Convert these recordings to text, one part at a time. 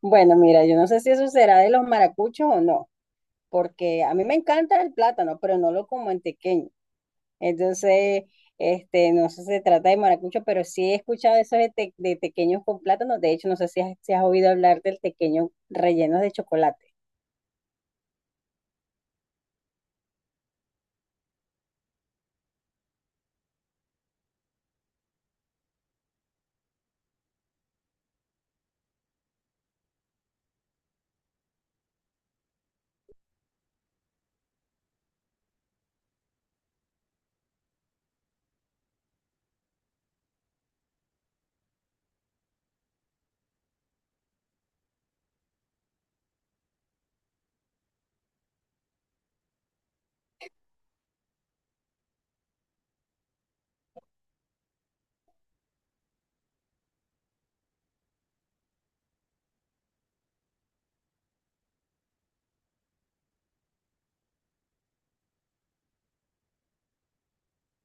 Bueno, mira, yo no sé si eso será de los maracuchos o no, porque a mí me encanta el plátano, pero no lo como en tequeño. Entonces, no sé si se trata de maracucho, pero sí he escuchado eso de, de tequeños con plátano. De hecho, no sé si has, si has oído hablar del tequeño relleno de chocolate.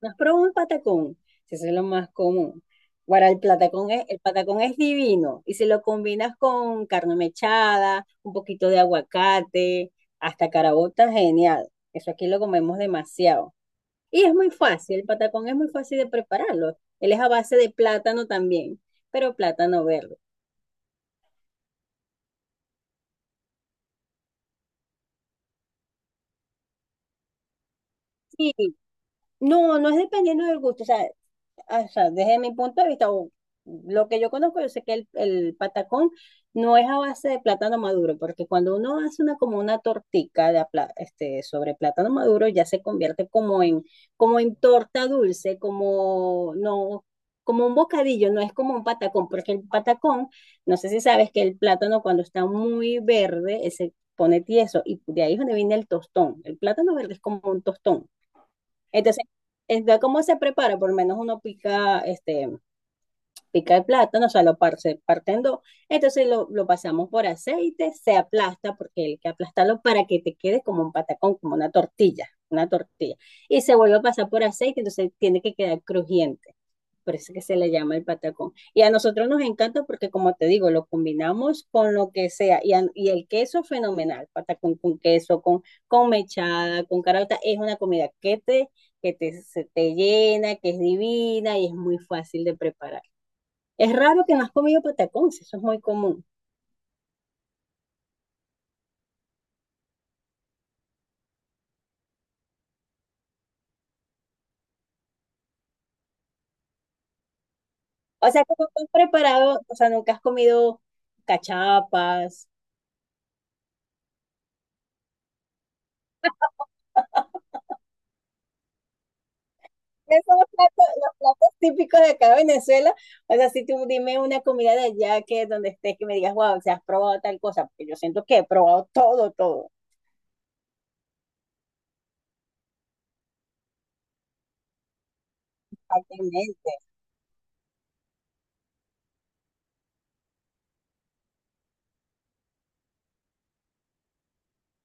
¿No has probado un patacón? Si eso es lo más común. Ahora, el patacón es divino y si lo combinas con carne mechada, un poquito de aguacate, hasta caraota, genial. Eso aquí lo comemos demasiado. Y es muy fácil, el patacón es muy fácil de prepararlo. Él es a base de plátano también, pero plátano verde. Sí, no, no es dependiendo del gusto. O sea, desde mi punto de vista, o lo que yo conozco, yo sé que el patacón no es a base de plátano maduro, porque cuando uno hace una como una tortica de sobre plátano maduro, ya se convierte como en, como en torta dulce, como no, como un bocadillo, no es como un patacón, porque el patacón, no sé si sabes que el plátano cuando está muy verde, se pone tieso, y de ahí es donde viene el tostón. El plátano verde es como un tostón. Entonces, entonces, ¿cómo se prepara? Por lo menos uno pica, pica el plátano, o sea, lo parte, parte en dos. Entonces lo pasamos por aceite, se aplasta, porque hay que aplastarlo para que te quede como un patacón, como una tortilla, una tortilla. Y se vuelve a pasar por aceite, entonces tiene que quedar crujiente por eso que se le llama el patacón. Y a nosotros nos encanta porque, como te digo, lo combinamos con lo que sea. Y, a, y el queso fenomenal, patacón con queso, con mechada, con caraota es una comida que te, se te llena, que es divina y es muy fácil de preparar. Es raro que no has comido patacón, si eso es muy común. O sea, que nunca has preparado, o sea, nunca has comido cachapas. Esos son los platos típicos de acá de Venezuela. O sea, si tú dime una comida de allá que donde estés que me digas, wow, se has probado tal cosa, porque yo siento que he probado todo, todo, prácticamente.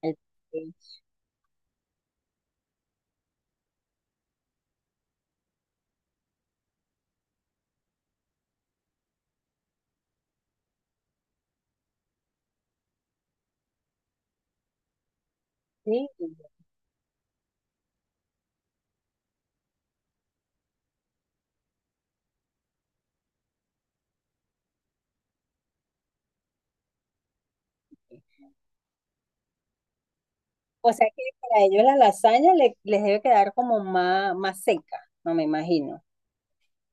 El- el- sí. O sea que para ellos la lasaña les debe quedar como más, más seca, no me imagino.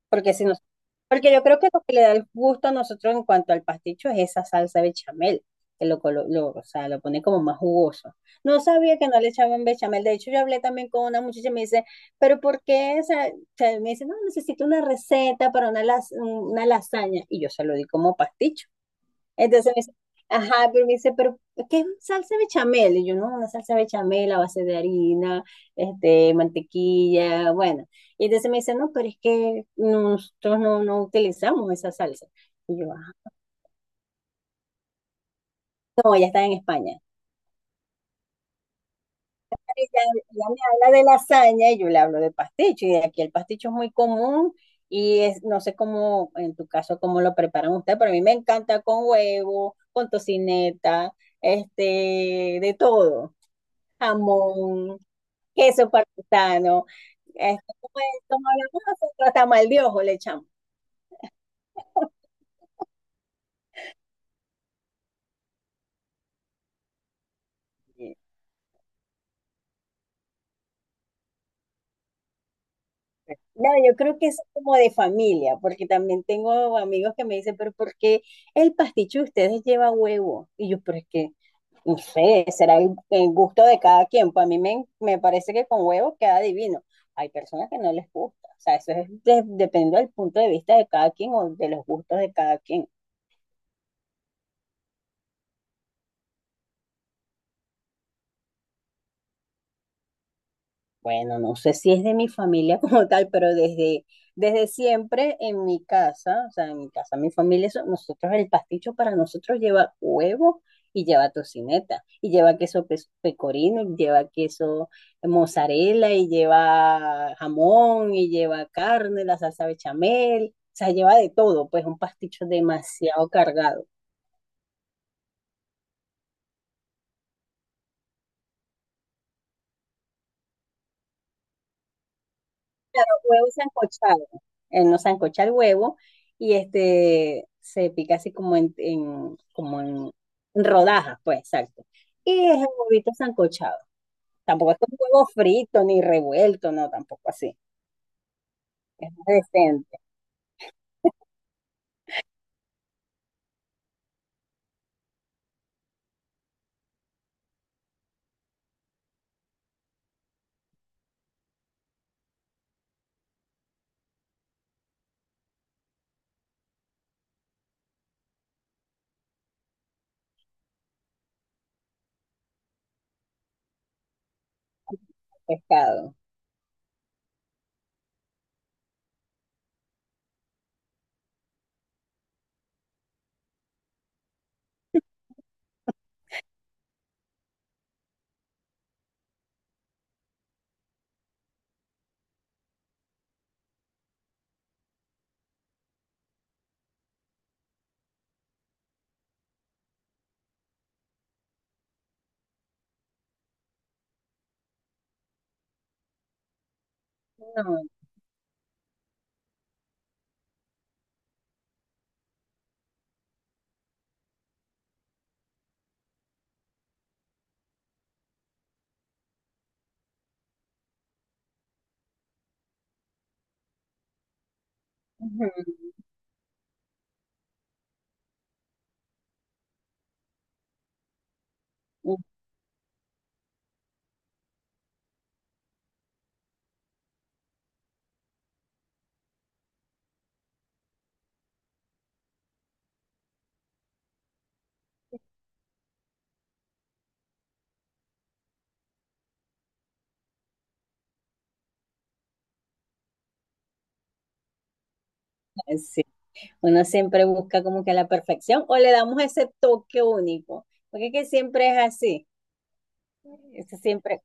Porque si nos, porque yo creo que lo que le da el gusto a nosotros en cuanto al pasticho es esa salsa bechamel, que lo, o sea, lo pone como más jugoso. No sabía que no le echaban bechamel. De hecho, yo hablé también con una muchacha y me dice, pero ¿por qué? O sea, me dice, no, necesito una receta para una lasaña. Y yo se lo di como pasticho. Entonces me dice, ajá, pero me dice, pero ¿qué es salsa bechamel? Y yo, no, una salsa bechamel a base de harina, mantequilla, bueno. Y entonces me dice, no, pero es que nosotros no utilizamos esa salsa. Y yo, "Ah, no, ella está en España. Y Ella me habla de lasaña y yo le hablo de pasticho. Y aquí el pasticho es muy común y es, no sé cómo, en tu caso, cómo lo preparan ustedes, pero a mí me encanta con huevo, con tocineta, de todo jamón, queso parmesano. Como, como hablamos nosotros, tamal de ojo le echamos. No, yo creo que es como de familia, porque también tengo amigos que me dicen, pero ¿por qué el pasticho de ustedes lleva huevo? Y yo, pero es que, no sé, será el gusto de cada quien. Pues a mí me parece que con huevo queda divino. Hay personas que no les gusta. O sea, eso es depende del punto de vista de cada quien o de los gustos de cada quien. Bueno, no sé si es de mi familia como tal, pero desde, desde siempre en mi casa, o sea, en mi casa, mi familia, nosotros el pasticho para nosotros lleva huevo y lleva tocineta, y lleva pecorino, y lleva queso mozzarella, y lleva jamón, y lleva carne, la salsa bechamel, o sea, lleva de todo, pues un pasticho demasiado cargado. Huevo sancochado, no sancocha el huevo y este se pica así como en, como en rodajas, pues, exacto. Y es el huevito sancochado. Tampoco es un huevo frito ni revuelto, no, tampoco así. Decente, pescado. No, ujú, ujú, sí. Uno siempre busca como que la perfección o le damos ese toque único, porque es que siempre es así. Eso siempre.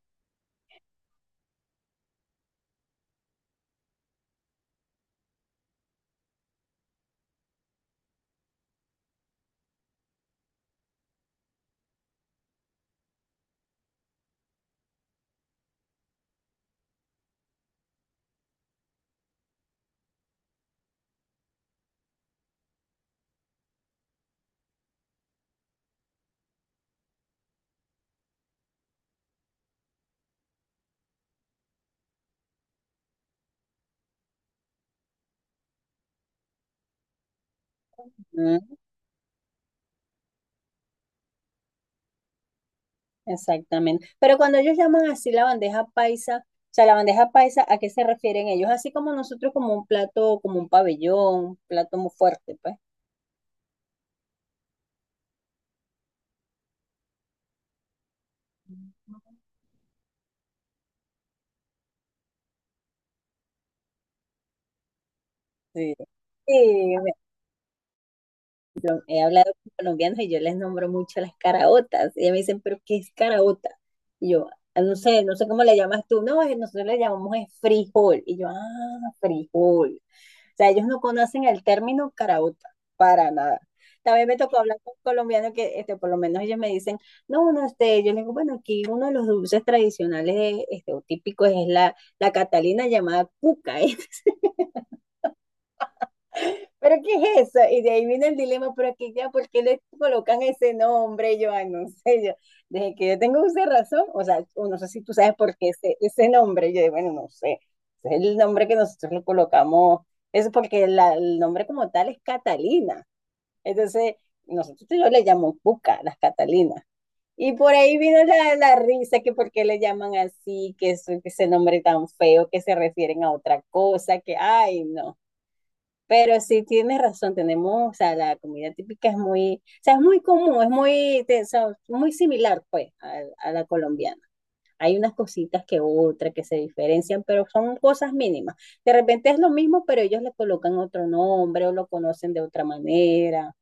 Exactamente. Pero cuando ellos llaman así la bandeja paisa, o sea, la bandeja paisa, ¿a qué se refieren ellos? Así como nosotros, como un plato, como un pabellón, un plato muy fuerte, pues. Sí. Sí, bueno, he hablado con colombianos y yo les nombro mucho las caraotas. Y ellos me dicen, ¿pero qué es caraota? Y yo, "Ah, no sé, no sé cómo le llamas tú. No, nosotros le llamamos es frijol. Y yo, ah, frijol. O sea, ellos no conocen el término carauta para nada. También me tocó hablar con colombianos que, por lo menos ellos me dicen, no, uno, yo les digo, bueno, aquí uno de los dulces tradicionales, o típicos es la catalina llamada cuca, ¿eh? ¿Pero qué es eso? Y de ahí viene el dilema, pero aquí ya, ¿por qué le colocan ese nombre? Yo, ay, no sé, yo, desde que yo tengo uso de razón, o sea, o no sé si tú sabes por qué ese nombre, yo, bueno, no sé, es el nombre que nosotros le colocamos, es porque la, el nombre como tal es Catalina. Entonces, nosotros yo le llamo Cuca, las Catalinas. Y por ahí vino la risa, que por qué le llaman así, que, es, que ese nombre tan feo, que se refieren a otra cosa, que, ay, no. Pero sí tienes razón, tenemos, o sea, la comida típica es muy, o sea, es muy común, es muy, o sea, muy similar, pues, a la colombiana. Hay unas cositas que otras que se diferencian, pero son cosas mínimas. De repente es lo mismo, pero ellos le colocan otro nombre o lo conocen de otra manera.